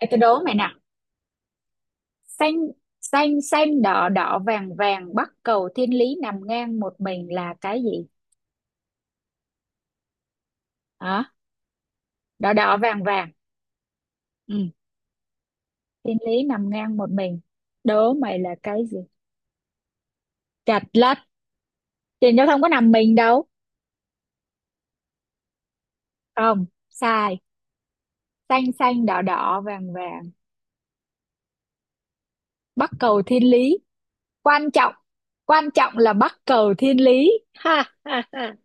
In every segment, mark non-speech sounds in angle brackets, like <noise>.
Ê, tôi đố mày nè: xanh xanh xanh đỏ đỏ vàng vàng, bắc cầu thiên lý nằm ngang một mình là cái gì? Hả? Đỏ đỏ vàng vàng, ừ. Thiên lý nằm ngang một mình, đố mày là cái gì? Chật lất, thì nó không có nằm mình đâu. Không sai. Xanh xanh đỏ đỏ vàng vàng, bắc cầu thiên lý. Quan trọng, quan trọng là bắc cầu thiên lý, ha ha ha.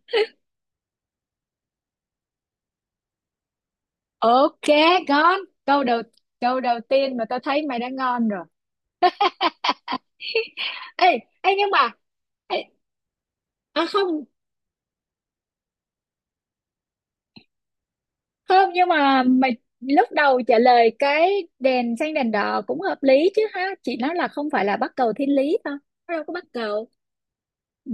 Ok, ngon câu đầu, câu đầu tiên mà tao thấy mày đã ngon rồi. <laughs> Ê, ê nhưng mà, ê, à không. Không nhưng mà mày lúc đầu trả lời cái đèn xanh đèn đỏ cũng hợp lý chứ ha, chị nói là không phải là bắc cầu thiên lý thôi, nó đâu có bắc cầu. Ừ.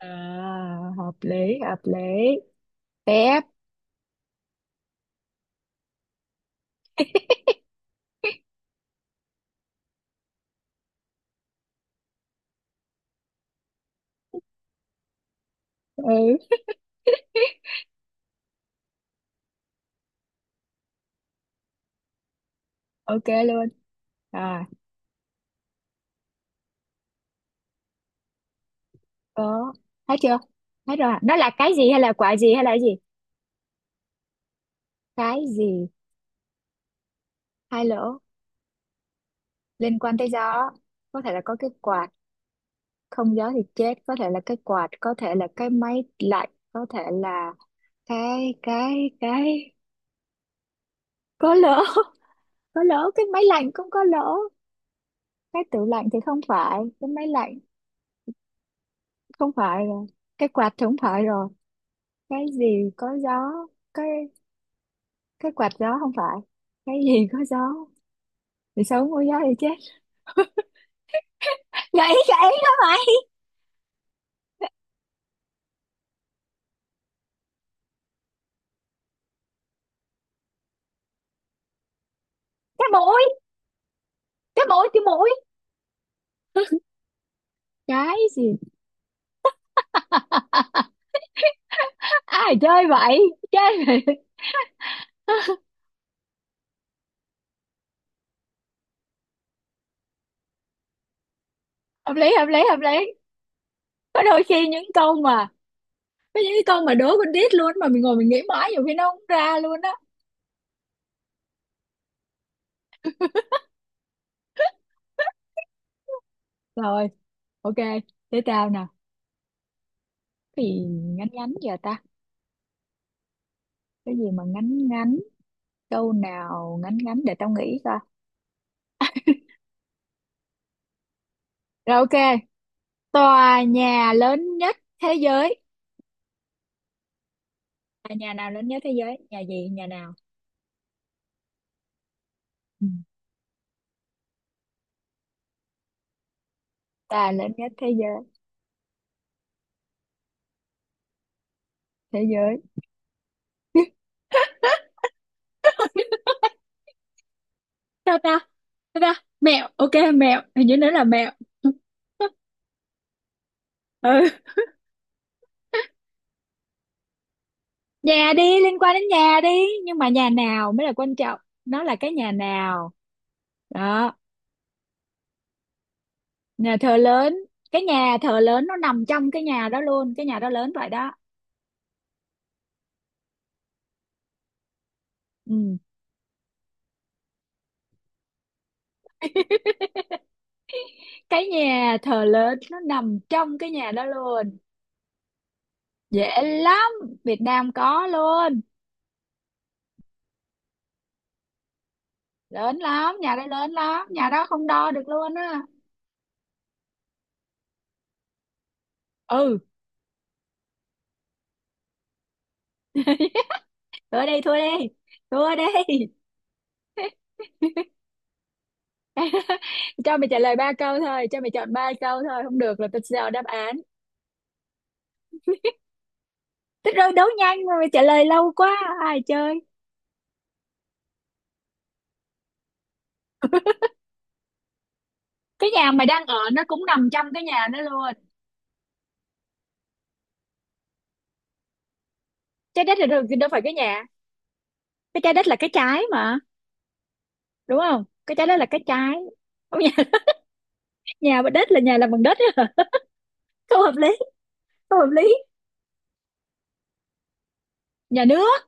À, hợp lý, hợp lý. Tép, ừ, ok luôn. À, có. Thấy chưa? Thấy rồi. À? Nó là cái gì hay là quả gì hay là cái gì? Cái gì? Hai lỗ, liên quan tới gió. Có thể là có cái quạt, không gió thì chết, có thể là cái quạt, có thể là cái máy lạnh, có thể là cái có lỗ. <laughs> Có lỗ, cái máy lạnh cũng có lỗ. Cái tủ lạnh thì không phải, cái máy lạnh không phải rồi, cái quạt thì không phải rồi. Cái gì có gió? cái cái quạt gió không phải. Cái gì có gió thì sống, có gió thì chết? Gãy gãy đó mày. Cái mũi! Cái mũi. Cái gì? <laughs> Ai chơi vậy, chơi vậy. <laughs> Hợp lý, hợp lý, hợp lý. Có đôi khi những câu mà, có những cái câu mà đố con đít luôn mà mình ngồi mình nghĩ mãi, nhiều khi nó không ra luôn á. <laughs> Rồi, ok, thế tao nè. Cái gì ngắn ngắn giờ ta? Cái gì mà ngắn ngắn, câu nào ngắn ngắn để tao nghĩ coi. Rồi, ok, tòa nhà lớn nhất thế giới. Tòa nhà nào lớn nhất thế giới, nhà gì nhà nào? Ừ. Tòa lớn nhất thế giới, thế giới. <laughs> Sao ta, sao ta? Mẹo, ok, mẹo, hình như nó là mẹo. <laughs> Ừ, nhà đi, liên quan đến nhà đi, nhưng mà nhà nào mới là quan trọng, nó là cái nhà nào đó. Nhà thờ lớn, cái nhà thờ lớn nó nằm trong cái nhà đó luôn, cái nhà đó lớn vậy đó. Ừ. Cái nhà thờ lớn nó nằm trong cái nhà đó luôn, dễ lắm, Việt Nam có luôn. Lớn lắm, nhà đó lớn lắm, nhà đó không đo được luôn á. Ừ, thua đi, thua đi, thua đi. <laughs> Cho mày trả lời ba câu thôi, cho mày chọn ba câu thôi, không được là tao sẽ đọc đáp án. Thế rồi đấu nhanh mà mày trả lời lâu quá, ai chơi. Cái nhà mày đang ở nó cũng nằm trong cái nhà đó luôn. Trái đất là đâu, đâu phải cái nhà. Cái trái đất là cái trái mà, đúng không? Cái trái đất là cái trái. Không, nhà. <laughs> Nhà bằng đất là nhà làm bằng đất. Á. Không hợp lý, không hợp lý. Nhà nước,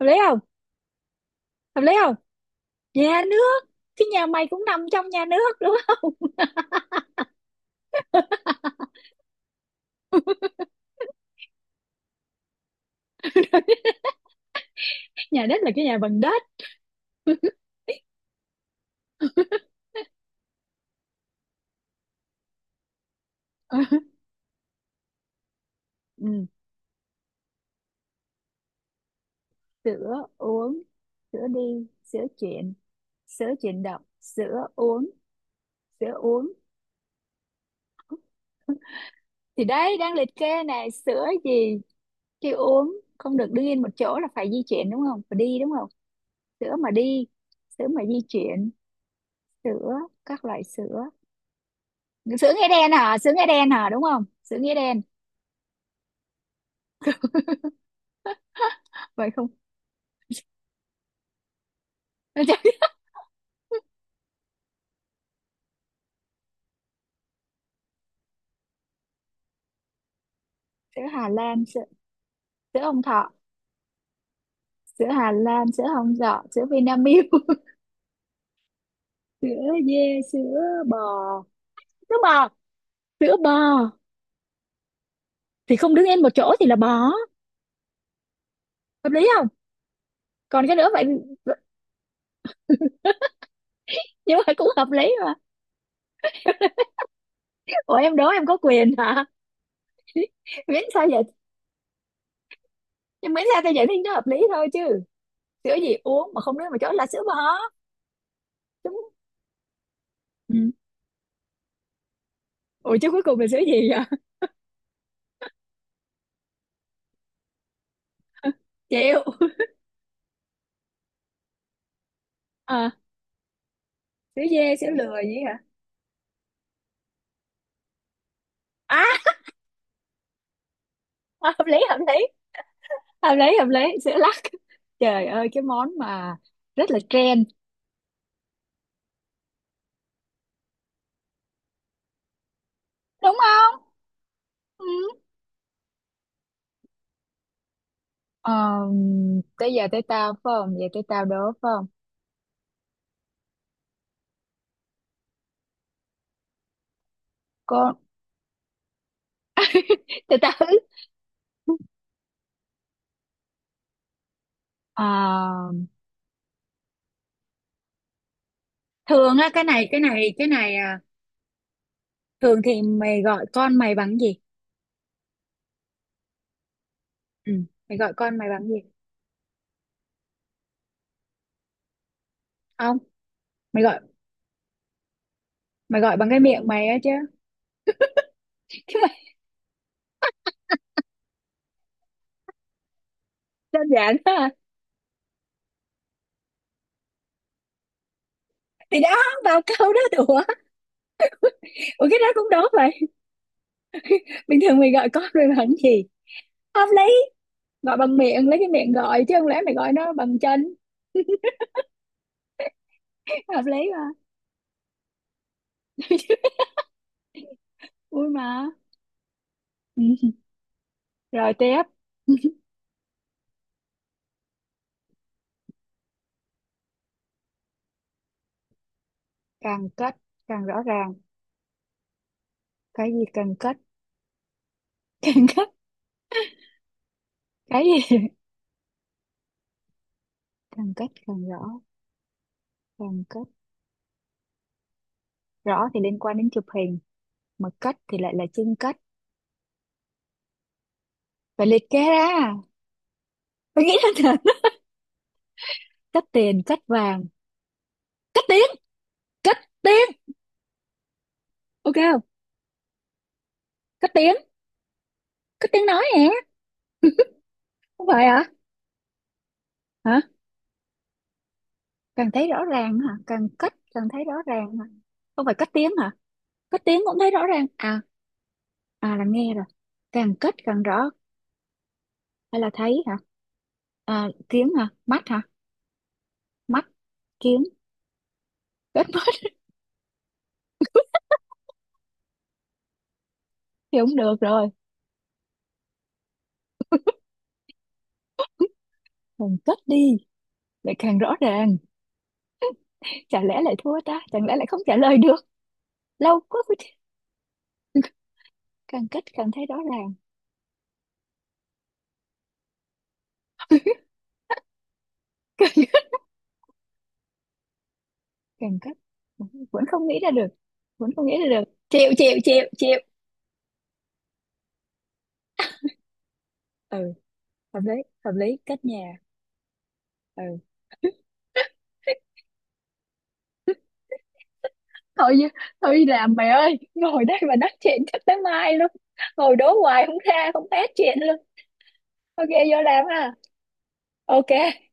hợp lý không? Hợp lý không? Nhà nước, cái nhà mày cũng nằm trong nhà nước, đúng không? <laughs> Nhà đất là cái nhà bằng đất. <laughs> Ừ, sữa uống, sữa đi, sữa chuyện, sữa chuyển động, sữa uống, sữa uống. Thì đấy đang liệt kê này, sữa gì khi uống không được đứng yên một chỗ là phải di chuyển, đúng không, phải đi đúng không? Sữa mà đi, sữa mà di chuyển, sữa, các loại sữa, sữa nghĩa đen hả, sữa nghĩa đen hả, đúng không, sữa nghĩa đen? Vậy không? <laughs> Sữa Hà Lan, sữa, sữa Hồng Thọ, sữa Hà Lan, sữa Hồng Dọ, sữa Vinamilk. <laughs> Sữa dê, sữa bò, sữa bò, sữa bò, thì không đứng yên một chỗ thì là bò. Hợp lý không? Còn cái nữa vậy? Nhưng mà cũng hợp lý mà. Ủa em đố em có quyền hả? Miễn sao vậy, nhưng miễn sao tao giải thích nó hợp lý thôi chứ. Sữa gì uống mà không nói mà chó là sữa bò. Đúng. Ừ. Ủa chứ cuối cùng là sữa gì vậy? <laughs> Chịu. À, sữa dê sữa lừa gì hả? À, hợp lý, hợp lý, hợp lý, hợp lý, sữa lắc. Trời ơi, cái món mà rất là trend, đúng không? Ừ. Ờ, tới giờ tới tao phải không, giờ tới tao đố, phải không? Con, tới tao. Ờ, thường á, cái này à, thường thì mày gọi con mày bằng gì? Ừ. Mày gọi con mày bằng gì? Không, mày gọi mày gọi bằng cái miệng mày á chứ. <laughs> Chứ mày, đơn giản ha. Thì đó, vào câu đó đùa. Ủa cái đó cũng đúng vậy, bình thường mày gọi con mày bằng gì, hợp lý, gọi bằng miệng, lấy cái miệng gọi chứ không lẽ mày gọi nó bằng chân. <laughs> Hợp lý mà. <laughs> Vui mà. Ừ. Rồi tiếp, càng cất càng rõ ràng, cái gì càng cất? <laughs> Càng cất, cái gì càng cất càng rõ? Càng cất, rõ thì liên quan đến chụp hình, mà cất thì lại là chưng cất, phải liệt kê ra, phải nghĩ ra thật. Cất tiền, cất vàng, cất đi, cất tiếng, ok không? Cất tiếng, cất tiếng nói hả? Không phải hả? Hả? Càng thấy rõ ràng hả, càng cất, càng thấy rõ ràng hả? Không phải cất tiếng hả? Cất tiếng cũng thấy rõ ràng à? À, là nghe rồi, càng cất càng rõ, hay là thấy hả? À, kiến hả, mắt hả, mắt, kiến, cất mắt. <laughs> Thì không được rồi. Càng cất đi lại càng rõ ràng, chả lẽ lại thua ta, chẳng lẽ lại không trả lời được, lâu quá mới- <laughs> càng cất càng thấy rõ ràng. <laughs> Càng cấp, vẫn không nghĩ ra được, vẫn không nghĩ ra được, chịu chịu chịu chịu. Ừ, hợp lý, hợp lý, cách nhà. Ừ, thôi chứ, thôi đi làm mày ơi, ngồi đây mà nói chuyện chắc tới mai luôn, ngồi đố hoài không ra, không hết chuyện luôn. Ok vô làm ha, ok.